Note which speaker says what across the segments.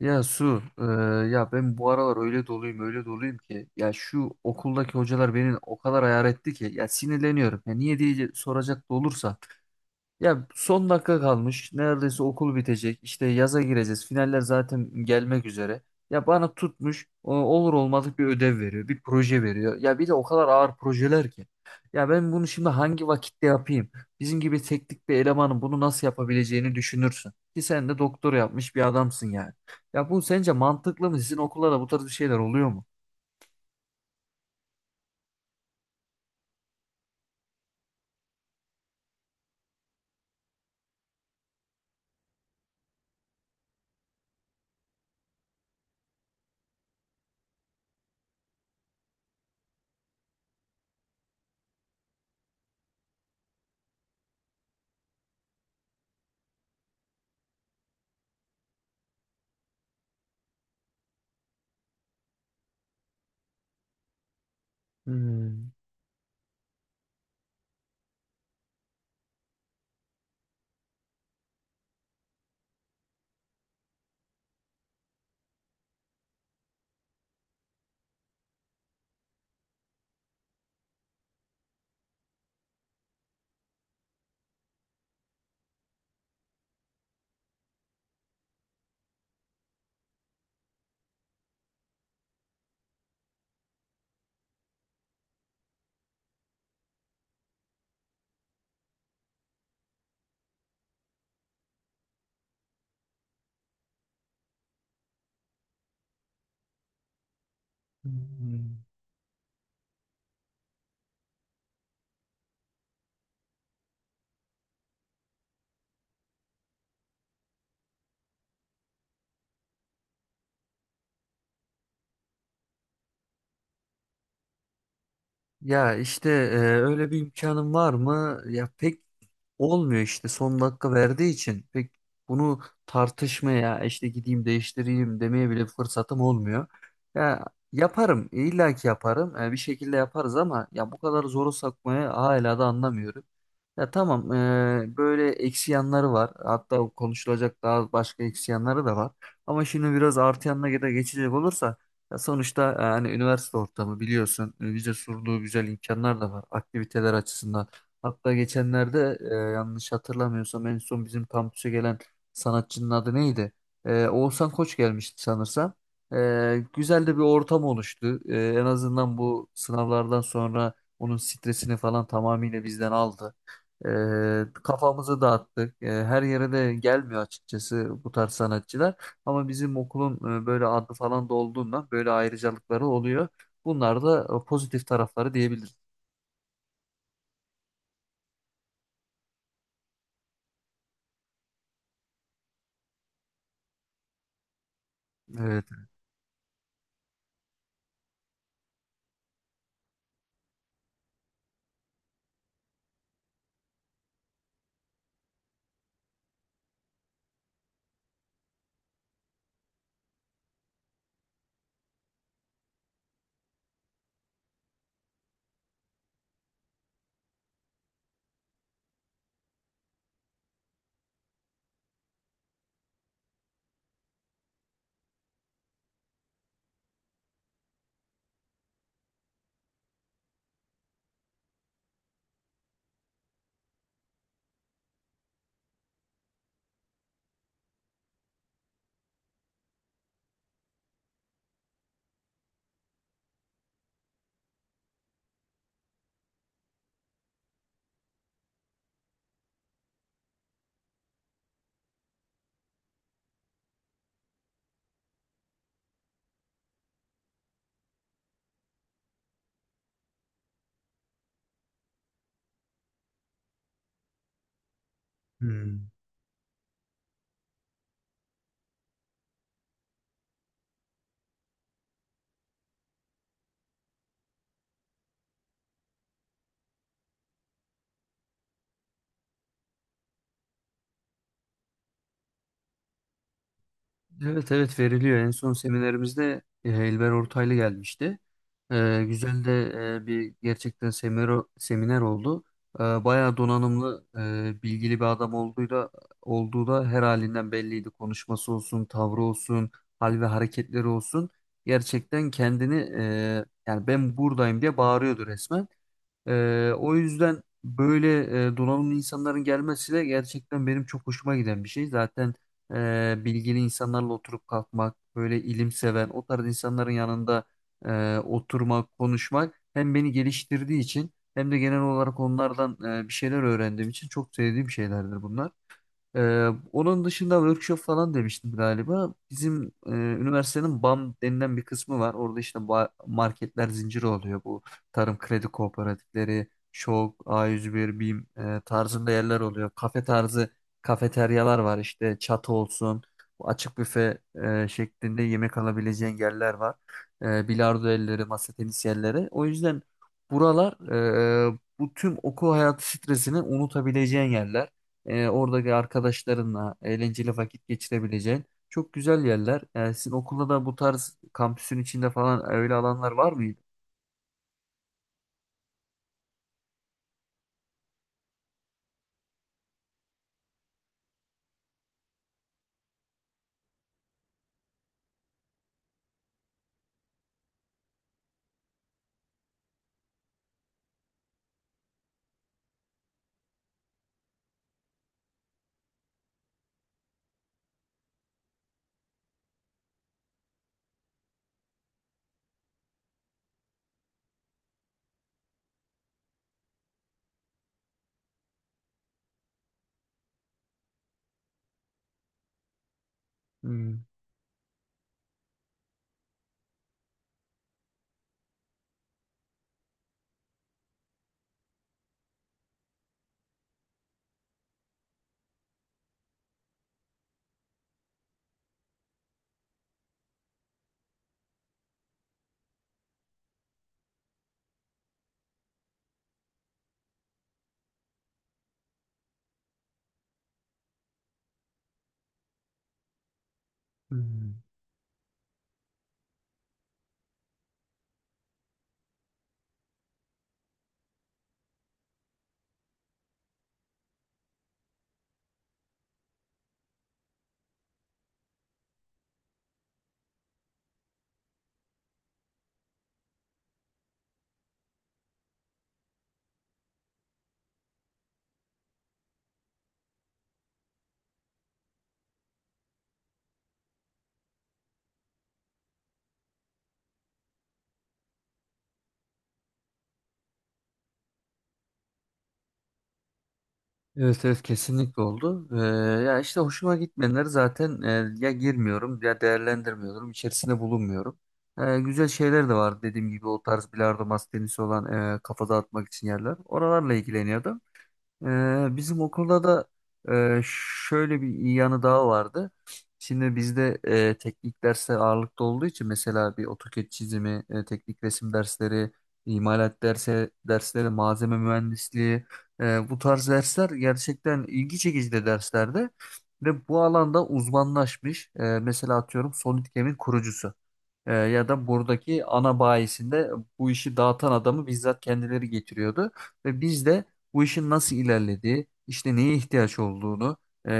Speaker 1: Ya Su, ya ben bu aralar öyle doluyum, öyle doluyum ki ya şu okuldaki hocalar beni o kadar ayar etti ki ya sinirleniyorum. Ya niye diye soracak da olursa, ya son dakika kalmış. Neredeyse okul bitecek. İşte yaza gireceğiz. Finaller zaten gelmek üzere. Ya bana tutmuş olur olmadık bir ödev veriyor. Bir proje veriyor. Ya bir de o kadar ağır projeler ki. Ya ben bunu şimdi hangi vakitte yapayım? Bizim gibi teknik bir elemanın bunu nasıl yapabileceğini düşünürsün. Ki sen de doktor yapmış bir adamsın yani. Ya bu sence mantıklı mı? Sizin okullarda bu tarz bir şeyler oluyor mu? Hmm. Ya işte, öyle bir imkanım var mı? Ya pek olmuyor işte son dakika verdiği için pek bunu tartışmaya işte gideyim değiştireyim demeye bile fırsatım olmuyor. Ya yaparım, illa ki yaparım. Bir şekilde yaparız ama ya bu kadar zoru sakmaya hala da anlamıyorum. Ya tamam, böyle eksi yanları var. Hatta konuşulacak daha başka eksi yanları da var. Ama şimdi biraz artı yanına da geçecek olursa, ya sonuçta, hani üniversite ortamı biliyorsun, bize sunduğu güzel imkanlar da var aktiviteler açısından. Hatta geçenlerde, yanlış hatırlamıyorsam en son bizim kampüse gelen sanatçının adı neydi? Oğuzhan Koç gelmişti sanırsam. Güzel de bir ortam oluştu. En azından bu sınavlardan sonra onun stresini falan tamamıyla bizden aldı. Kafamızı dağıttık. Her yere de gelmiyor açıkçası bu tarz sanatçılar. Ama bizim okulun böyle adı falan da olduğundan böyle ayrıcalıkları oluyor. Bunlar da pozitif tarafları diyebilirim. Evet. Hmm. Evet, evet, veriliyor. En son seminerimizde, Elber Ortaylı gelmişti. Güzel de bir gerçekten seminer oldu. Bayağı donanımlı, bilgili bir adam olduğu da her halinden belliydi. Konuşması olsun, tavrı olsun, hal ve hareketleri olsun. Gerçekten kendini, yani ben buradayım diye bağırıyordu resmen. O yüzden böyle, donanımlı insanların gelmesi de gerçekten benim çok hoşuma giden bir şey. Zaten bilgili insanlarla oturup kalkmak, böyle ilim seven, o tarz insanların yanında oturmak, konuşmak hem beni geliştirdiği için hem de genel olarak onlardan bir şeyler öğrendiğim için çok sevdiğim şeylerdir bunlar. Onun dışında workshop falan demiştim galiba. Bizim üniversitenin BAM denilen bir kısmı var. Orada işte marketler zinciri oluyor. Bu tarım kredi kooperatifleri, ŞOK, A101, BİM tarzında yerler oluyor. Kafe tarzı kafeteryalar var işte, çatı olsun. Bu açık büfe şeklinde yemek alabileceğin yerler var. Bilardo elleri, masa tenisi yerleri. O yüzden buralar bu tüm okul hayatı stresini unutabileceğin yerler. Oradaki arkadaşlarınla eğlenceli vakit geçirebileceğin çok güzel yerler. Sizin okulda da bu tarz kampüsün içinde falan öyle alanlar var mıydı? Hmm, hmm. Evet, evet, kesinlikle oldu. Ya işte hoşuma gitmeyenleri zaten ya girmiyorum ya değerlendirmiyorum, içerisinde bulunmuyorum. Güzel şeyler de var dediğim gibi o tarz bilardo, masa tenisi olan kafa dağıtmak için yerler. Oralarla ilgileniyordum. Bizim okulda da e, şöyle bir iyi yanı daha vardı. Şimdi bizde teknik dersler ağırlıklı olduğu için mesela bir AutoCAD çizimi, teknik resim dersleri, imalat dersi, dersleri, malzeme mühendisliği bu tarz dersler gerçekten ilgi çekici de derslerde ve bu alanda uzmanlaşmış. Mesela atıyorum SolidCAM'in kurucusu. Ya da buradaki ana bayisinde bu işi dağıtan adamı bizzat kendileri getiriyordu. Ve biz de bu işin nasıl ilerlediği, işte neye ihtiyaç olduğunu, ee,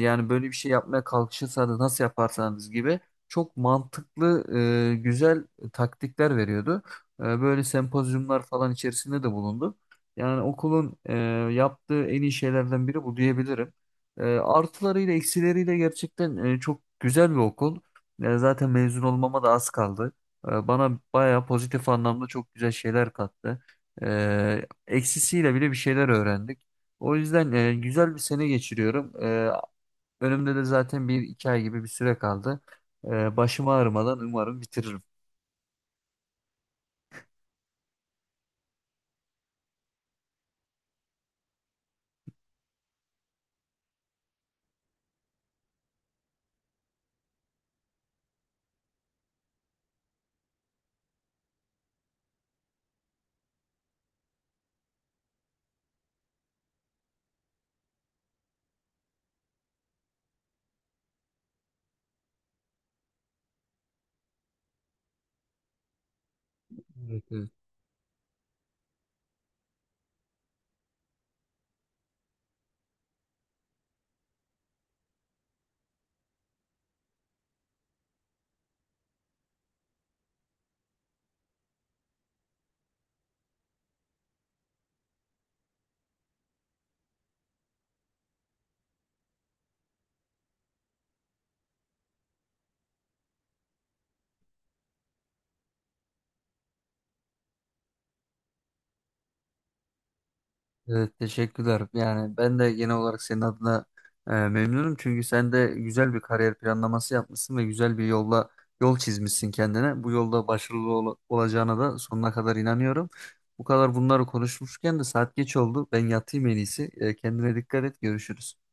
Speaker 1: yani böyle bir şey yapmaya kalkışırsanız nasıl yaparsanız gibi çok mantıklı, güzel taktikler veriyordu. Böyle sempozyumlar falan içerisinde de bulundu. Yani okulun yaptığı en iyi şeylerden biri bu diyebilirim. Artılarıyla eksileriyle gerçekten, çok güzel bir okul. Ya zaten mezun olmama da az kaldı. Bana bayağı pozitif anlamda çok güzel şeyler kattı. Eksisiyle bile bir şeyler öğrendik. O yüzden güzel bir sene geçiriyorum. Önümde de zaten bir iki ay gibi bir süre kaldı. Başım ağrımadan umarım bitiririm. Evet, evet. Evet, teşekkürler. Yani ben de genel olarak senin adına memnunum. Çünkü sen de güzel bir kariyer planlaması yapmışsın ve güzel bir yolla yol çizmişsin kendine. Bu yolda başarılı olacağına da sonuna kadar inanıyorum. Bu kadar bunları konuşmuşken de saat geç oldu. Ben yatayım en iyisi. Kendine dikkat et. Görüşürüz.